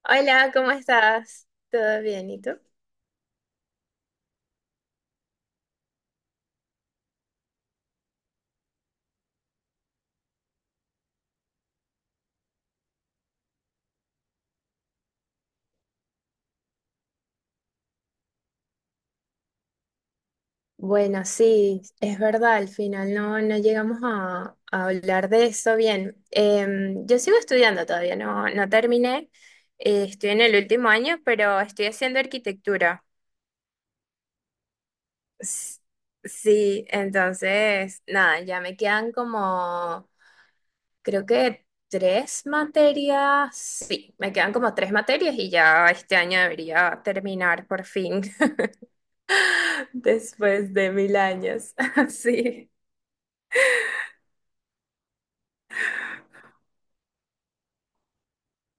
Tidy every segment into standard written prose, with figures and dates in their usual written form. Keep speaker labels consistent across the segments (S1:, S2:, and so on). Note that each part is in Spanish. S1: Hola, ¿cómo estás? ¿Todo bien? ¿Y tú? Bueno, sí, es verdad, al final no, no llegamos a hablar de eso bien. Yo sigo estudiando todavía, no, no terminé. Estoy en el último año, pero estoy haciendo arquitectura. S- Sí, entonces, nada, ya me quedan como, creo que tres materias. Sí, me quedan como tres materias y ya este año debería terminar por fin. Después de mil años. Sí.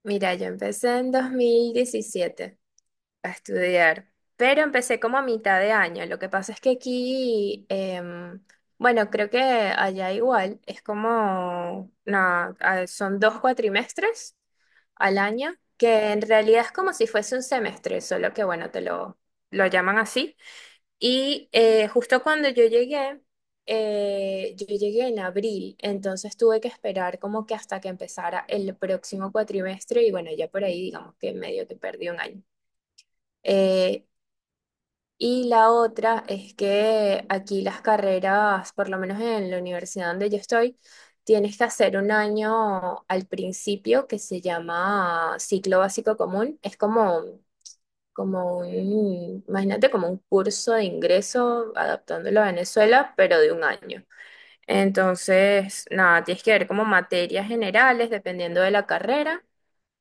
S1: Mira, yo empecé en 2017 a estudiar, pero empecé como a mitad de año. Lo que pasa es que aquí, bueno, creo que allá igual, es como, no, son 2 cuatrimestres al año, que en realidad es como si fuese un semestre, solo que bueno, te lo llaman así. Y justo cuando yo llegué en abril, entonces tuve que esperar como que hasta que empezara el próximo cuatrimestre y bueno, ya por ahí digamos que medio que perdí un año. Eh, y la otra es que aquí las carreras, por lo menos en la universidad donde yo estoy, tienes que hacer un año al principio que se llama ciclo básico común. Es como imagínate como un curso de ingreso adaptándolo a Venezuela, pero de un año. Entonces, nada, tienes que ver como materias generales dependiendo de la carrera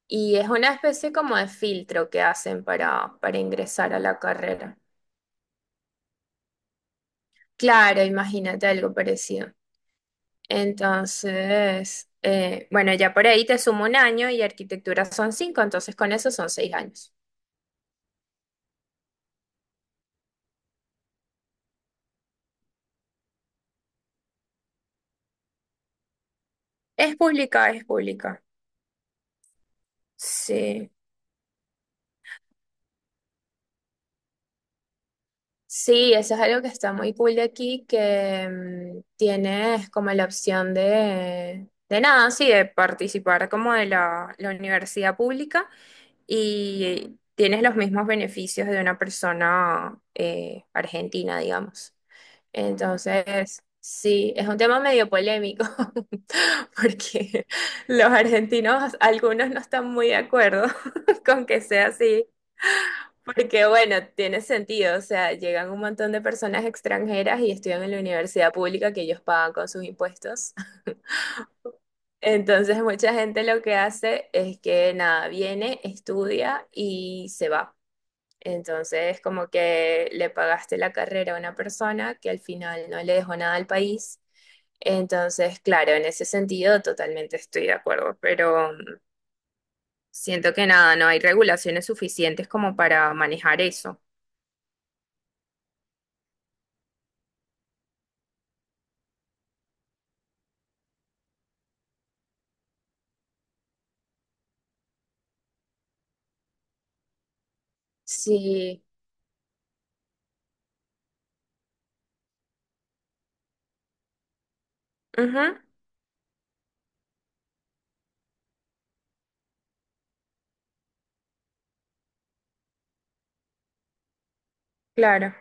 S1: y es una especie como de filtro que hacen para ingresar a la carrera. Claro, imagínate algo parecido. Entonces, bueno, ya por ahí te sumo un año y arquitectura son 5, entonces con eso son 6 años. Es pública, es pública. Sí. Sí, eso es algo que está muy cool de aquí, que tienes como la opción de nada, sí, de participar como de la universidad pública y tienes los mismos beneficios de una persona argentina, digamos. Ah, entonces, sí, es un tema medio polémico porque los argentinos, algunos no están muy de acuerdo con que sea así porque bueno, tiene sentido, o sea, llegan un montón de personas extranjeras y estudian en la universidad pública que ellos pagan con sus impuestos. Entonces, mucha gente lo que hace es que nada, viene, estudia y se va. Entonces, como que le pagaste la carrera a una persona que al final no le dejó nada al país. Entonces, claro, en ese sentido totalmente estoy de acuerdo, pero siento que nada, no hay regulaciones suficientes como para manejar eso. Sí. Ujú. Claro,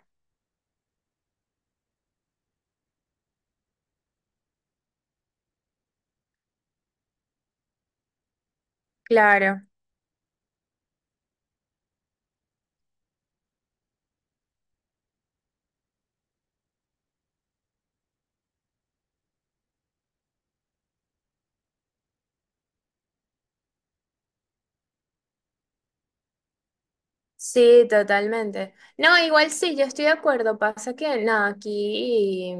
S1: claro. Sí, totalmente. No, igual sí, yo estoy de acuerdo. Pasa que, nada, aquí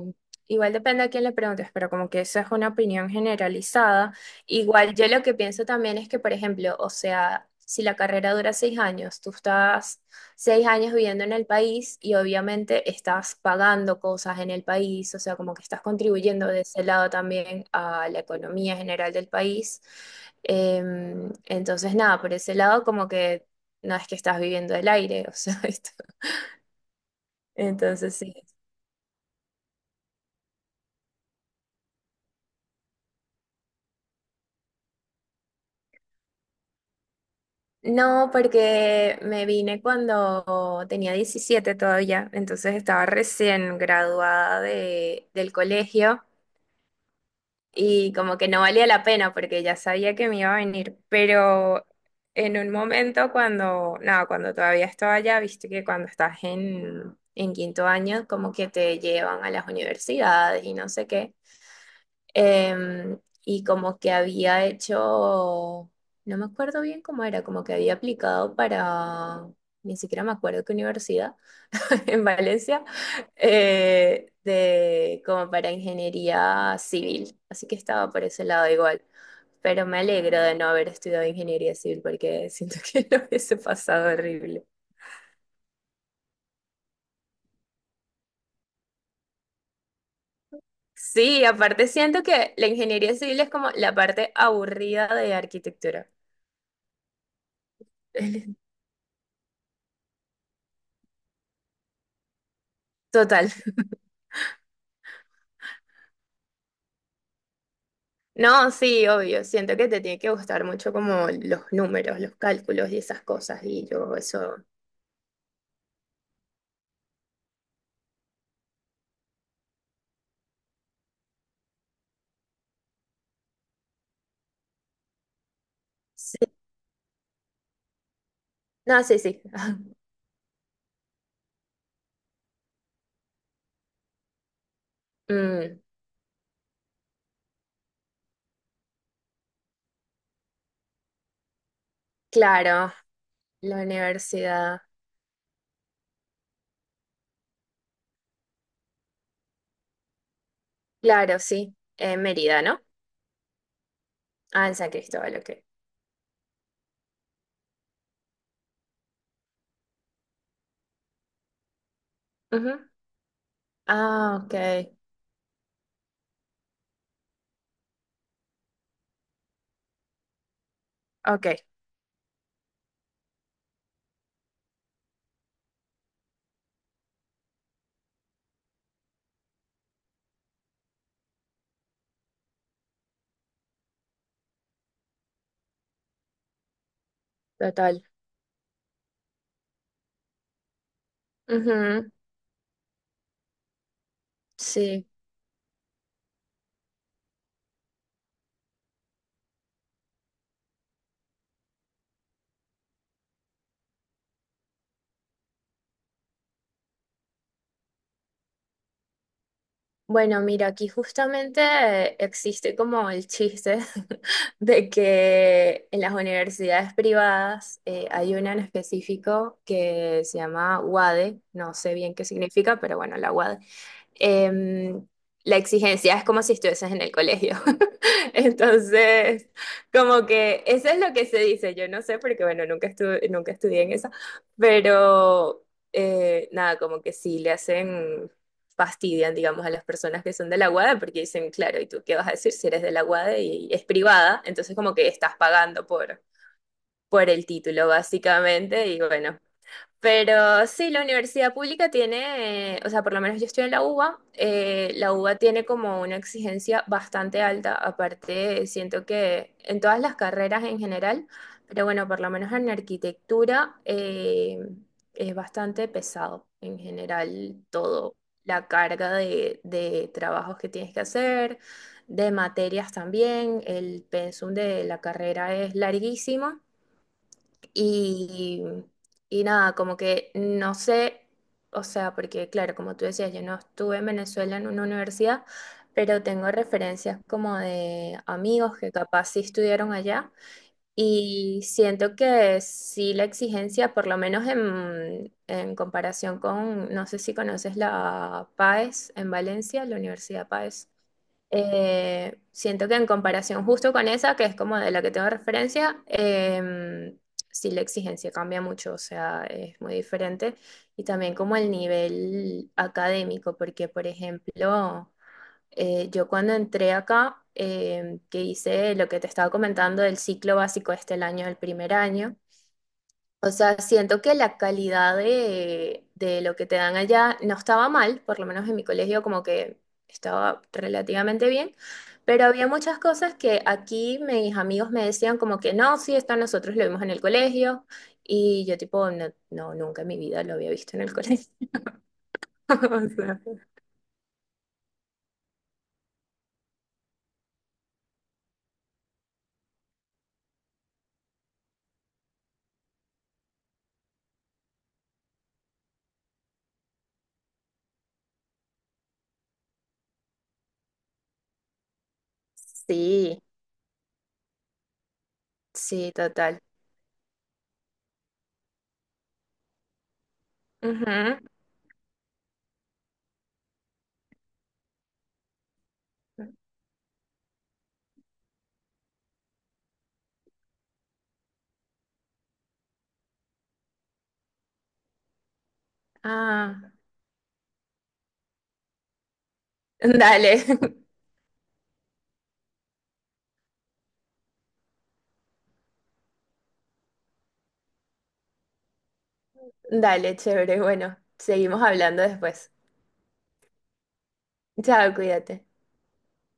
S1: igual depende a quién le preguntes, pero como que eso es una opinión generalizada. Igual yo lo que pienso también es que, por ejemplo, o sea, si la carrera dura 6 años, tú estás 6 años viviendo en el país y obviamente estás pagando cosas en el país, o sea, como que estás contribuyendo de ese lado también a la economía general del país. Entonces, nada, por ese lado como que no es que estás viviendo el aire, o sea, esto. Entonces sí. No, porque me vine cuando tenía 17 todavía, entonces estaba recién graduada del colegio y como que no valía la pena porque ya sabía que me iba a venir, pero en un momento cuando, no, cuando todavía estaba allá, viste que cuando estás en, quinto año como que te llevan a las universidades y no sé qué. Em, y como que había hecho, no me acuerdo bien cómo era, como que había aplicado para, ni siquiera me acuerdo qué universidad, en Valencia, como para ingeniería civil. Así que estaba por ese lado igual. Pero me alegro de no haber estudiado ingeniería civil porque siento que lo hubiese pasado horrible. Sí, aparte siento que la ingeniería civil es como la parte aburrida de arquitectura. Total. No, sí, obvio. Siento que te tiene que gustar mucho como los números, los cálculos y esas cosas. Y yo eso... Sí. No, sí, sí. Mm, claro, la universidad. Claro, sí. En Mérida, ¿no? Ah, en San Cristóbal, ok. Ujú. Ah, ok. Ok, total. Ujú. Sí. Bueno, mira, aquí justamente existe como el chiste de que en las universidades privadas hay una en específico que se llama UADE, no sé bien qué significa, pero bueno, la UADE, em, la exigencia es como si estuvieses en el colegio. Entonces, como que eso es lo que se dice. Yo no sé porque, bueno, nunca estuve, nunca estudié en esa, pero nada, como que sí le hacen, fastidian, digamos, a las personas que son de la UADE porque dicen, claro, ¿y tú qué vas a decir si eres de la UADE y es privada? Entonces, como que estás pagando por, el título, básicamente, y bueno, pero sí, la universidad pública tiene, o sea, por lo menos yo estoy en la UBA tiene como una exigencia bastante alta, aparte siento que en todas las carreras en general, pero bueno, por lo menos en arquitectura es bastante pesado en general todo, la carga de trabajos que tienes que hacer, de materias también, el pensum de la carrera es larguísimo. Y, y nada, como que no sé, o sea, porque claro, como tú decías, yo no estuve en Venezuela en una universidad, pero tengo referencias como de amigos que capaz sí estudiaron allá y siento que sí la exigencia, por lo menos en, comparación con, no sé si conoces la PAES en Valencia, la Universidad PAES, siento que en comparación justo con esa, que es como de la que tengo referencia, sí la exigencia cambia mucho, o sea, es muy diferente. Y también como el nivel académico, porque por ejemplo... Yo cuando entré acá, que hice lo que te estaba comentando del ciclo básico este el año, el primer año, o sea, siento que la calidad de, lo que te dan allá no estaba mal, por lo menos en mi colegio como que estaba relativamente bien, pero había muchas cosas que aquí mis amigos me decían como que no, sí, esto nosotros lo vimos en el colegio, y yo tipo, no, no, nunca en mi vida lo había visto en el colegio. O sea, sí, sí, total. Ujú. Ah, dale, dale, chévere. Bueno, seguimos hablando después. Chao, cuídate.